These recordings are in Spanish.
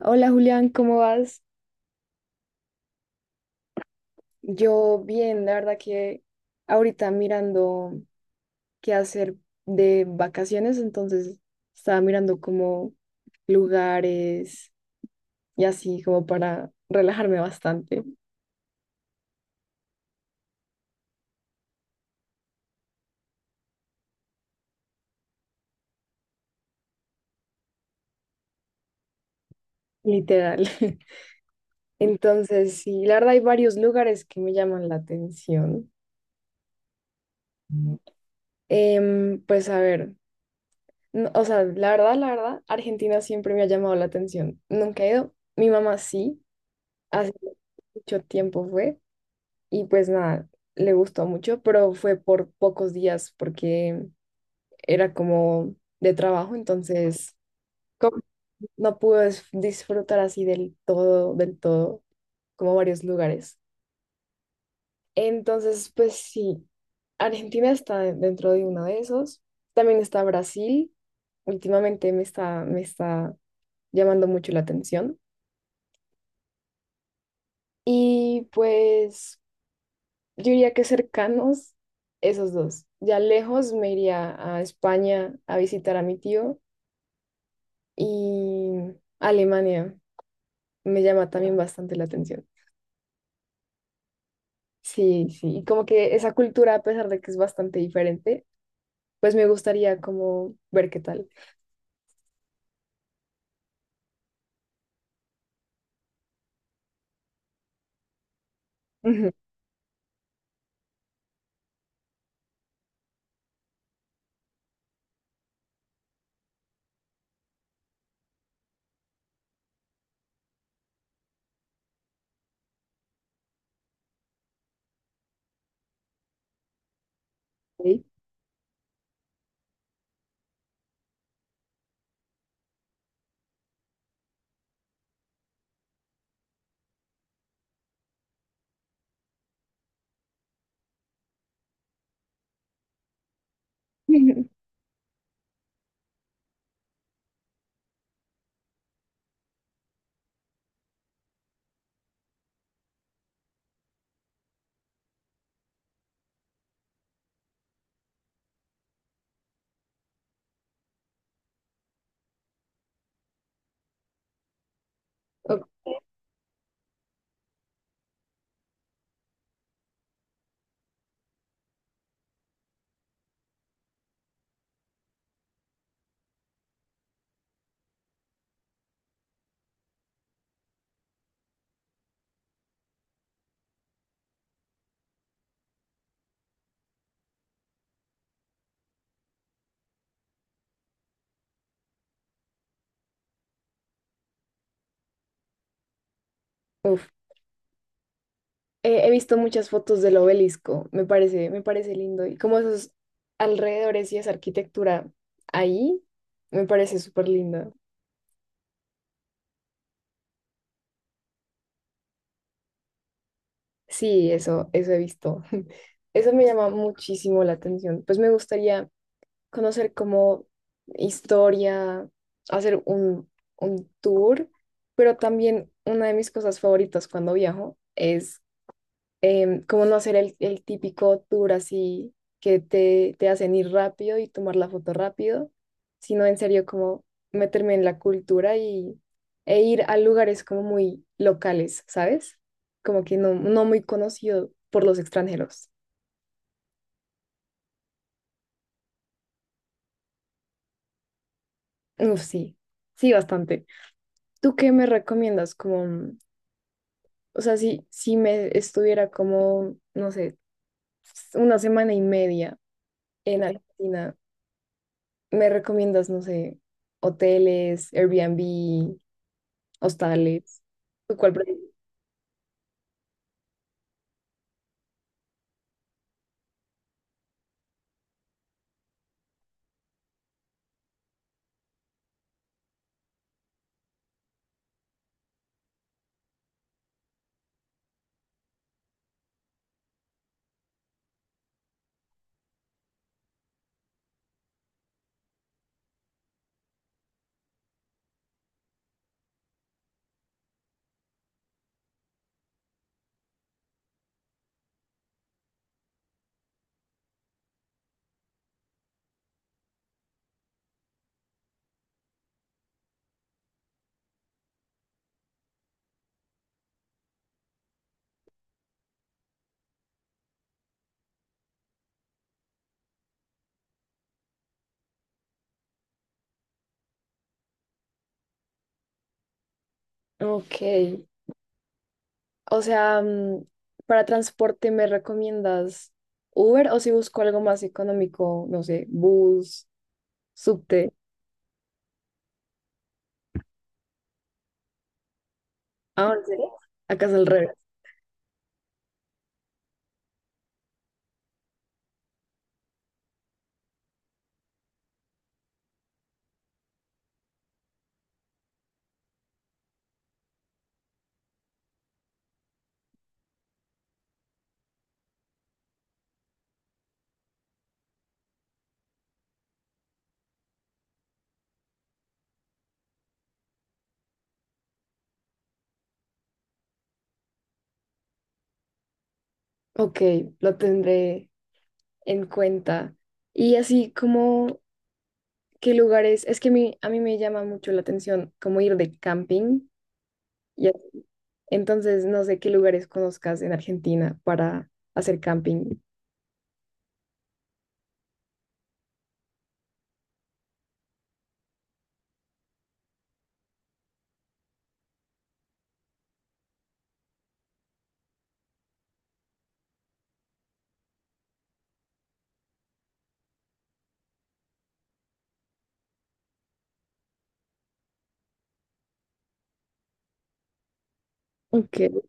Hola Julián, ¿cómo vas? Yo bien, la verdad que ahorita mirando qué hacer de vacaciones, entonces estaba mirando como lugares y así como para relajarme bastante, literal. Entonces, sí, la verdad hay varios lugares que me llaman la atención. Pues a ver, no- o sea, la verdad, Argentina siempre me ha llamado la atención. Nunca he ido, mi mamá sí, hace mucho tiempo fue. Y pues nada, le gustó mucho, pero fue por pocos días porque era como de trabajo, entonces como no pude disfrutar así del todo, como varios lugares. Entonces, pues sí, Argentina está dentro de uno de esos. También está Brasil, últimamente me está llamando mucho la atención. Y pues... Yo diría que cercanos, esos dos. Ya lejos me iría a España a visitar a mi tío y Alemania me llama también bastante la atención. Sí, sí, y como que esa cultura, a pesar de que es bastante diferente, pues me gustaría como ver qué tal. Ujú, sí. Ok, uf. He visto muchas fotos del obelisco, me parece lindo y como esos alrededores y esa arquitectura ahí, me parece súper linda. Sí, eso he visto. Eso me llama muchísimo la atención. Pues me gustaría conocer como historia, hacer un tour, pero también una de mis cosas favoritas cuando viajo es como no hacer el típico tour así que te hacen ir rápido y tomar la foto rápido, sino en serio como meterme en la cultura y, e ir a lugares como muy locales, ¿sabes? Como que no, no muy conocido por los extranjeros. Uf, sí, sí, bastante. ¿Tú qué me recomiendas? Como, mm, o sea, si me estuviera como, no sé, una semana y media en Argentina. ¿Me recomiendas, no sé, hoteles, Airbnb, hostales? ¿Tú ¿Cuál? Pre- Ok. O sea, mm, para transporte, ¿me recomiendas Uber o si busco algo más económico, no sé, bus, subte? Ah, ¿en serio? Acá es al revés. Ok, lo tendré en cuenta. Y así como, ¿qué lugares? Es que a mí me llama mucho la atención como ir de camping. Y entonces, no sé qué lugares conozcas en Argentina para hacer camping. Ok.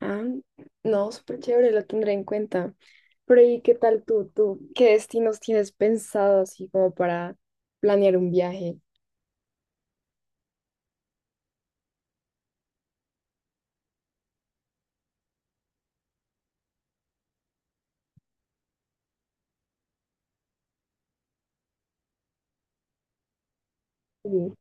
Ah, no, súper chévere, lo tendré en cuenta. Pero ¿y qué tal tú? ¿Tú qué destinos tienes pensado así como para planear un viaje? Sí.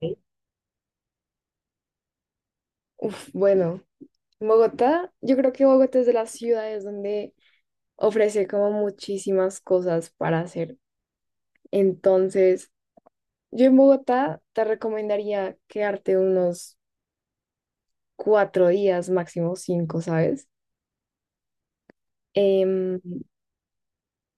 Sí. Uf, bueno, Bogotá, yo creo que Bogotá es de las ciudades donde ofrece como muchísimas cosas para hacer. Entonces, yo en Bogotá te recomendaría quedarte unos 4 días, máximo 5, ¿sabes? Em,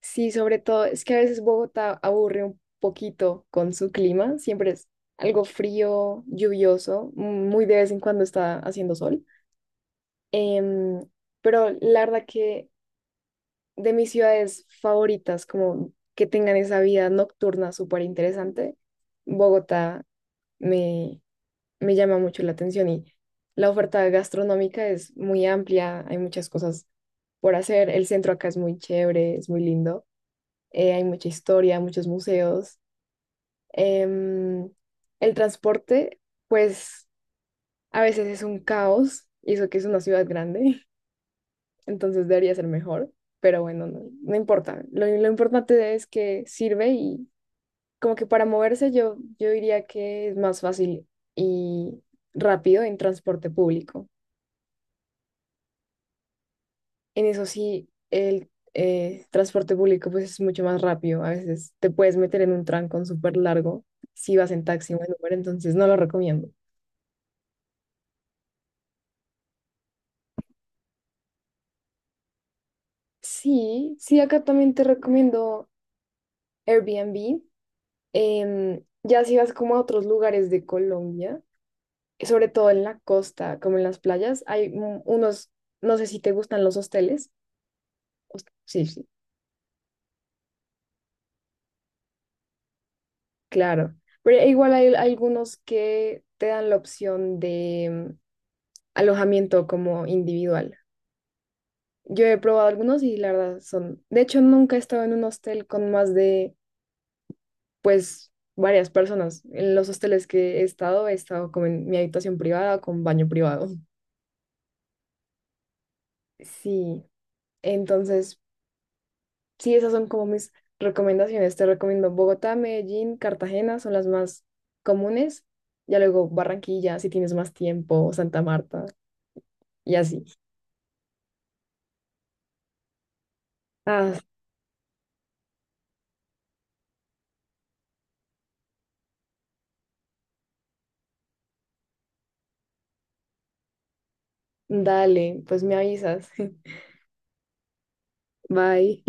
sí, sobre todo, es que a veces Bogotá aburre un poquito con su clima, siempre es algo frío, lluvioso, muy de vez en cuando está haciendo sol. Em, pero la verdad que de mis ciudades favoritas, como que tengan esa vida nocturna súper interesante, Bogotá me, me llama mucho la atención y la oferta gastronómica es muy amplia, hay muchas cosas por hacer, el centro acá es muy chévere, es muy lindo. Hay mucha historia, muchos museos. Em, el transporte, pues a veces es un caos, y eso que es una ciudad grande, entonces debería ser mejor, pero bueno, no, no importa. Lo importante es que sirve y como que para moverse yo diría que es más fácil y rápido en transporte público. En eso sí, el transporte público pues es mucho más rápido. A veces te puedes meter en un trancón súper largo si vas en taxi o en Uber, entonces no lo recomiendo. Sí, sí, acá también te recomiendo Airbnb. Ya si vas como a otros lugares de Colombia, sobre todo en la costa, como en las playas, hay unos, no sé si te gustan los hosteles. Sí, sí, claro. Pero igual hay algunos que te dan la opción de alojamiento como individual. Yo he probado algunos y la verdad son. De hecho, nunca he estado en un hostel con más de, pues, varias personas. En los hosteles que he estado como en mi habitación privada, con baño privado. Sí, entonces, sí, esas son como mis recomendaciones. Te recomiendo Bogotá, Medellín, Cartagena, son las más comunes. Ya luego Barranquilla, si tienes más tiempo, Santa Marta y así. Ah, dale, pues me avisas. Bye.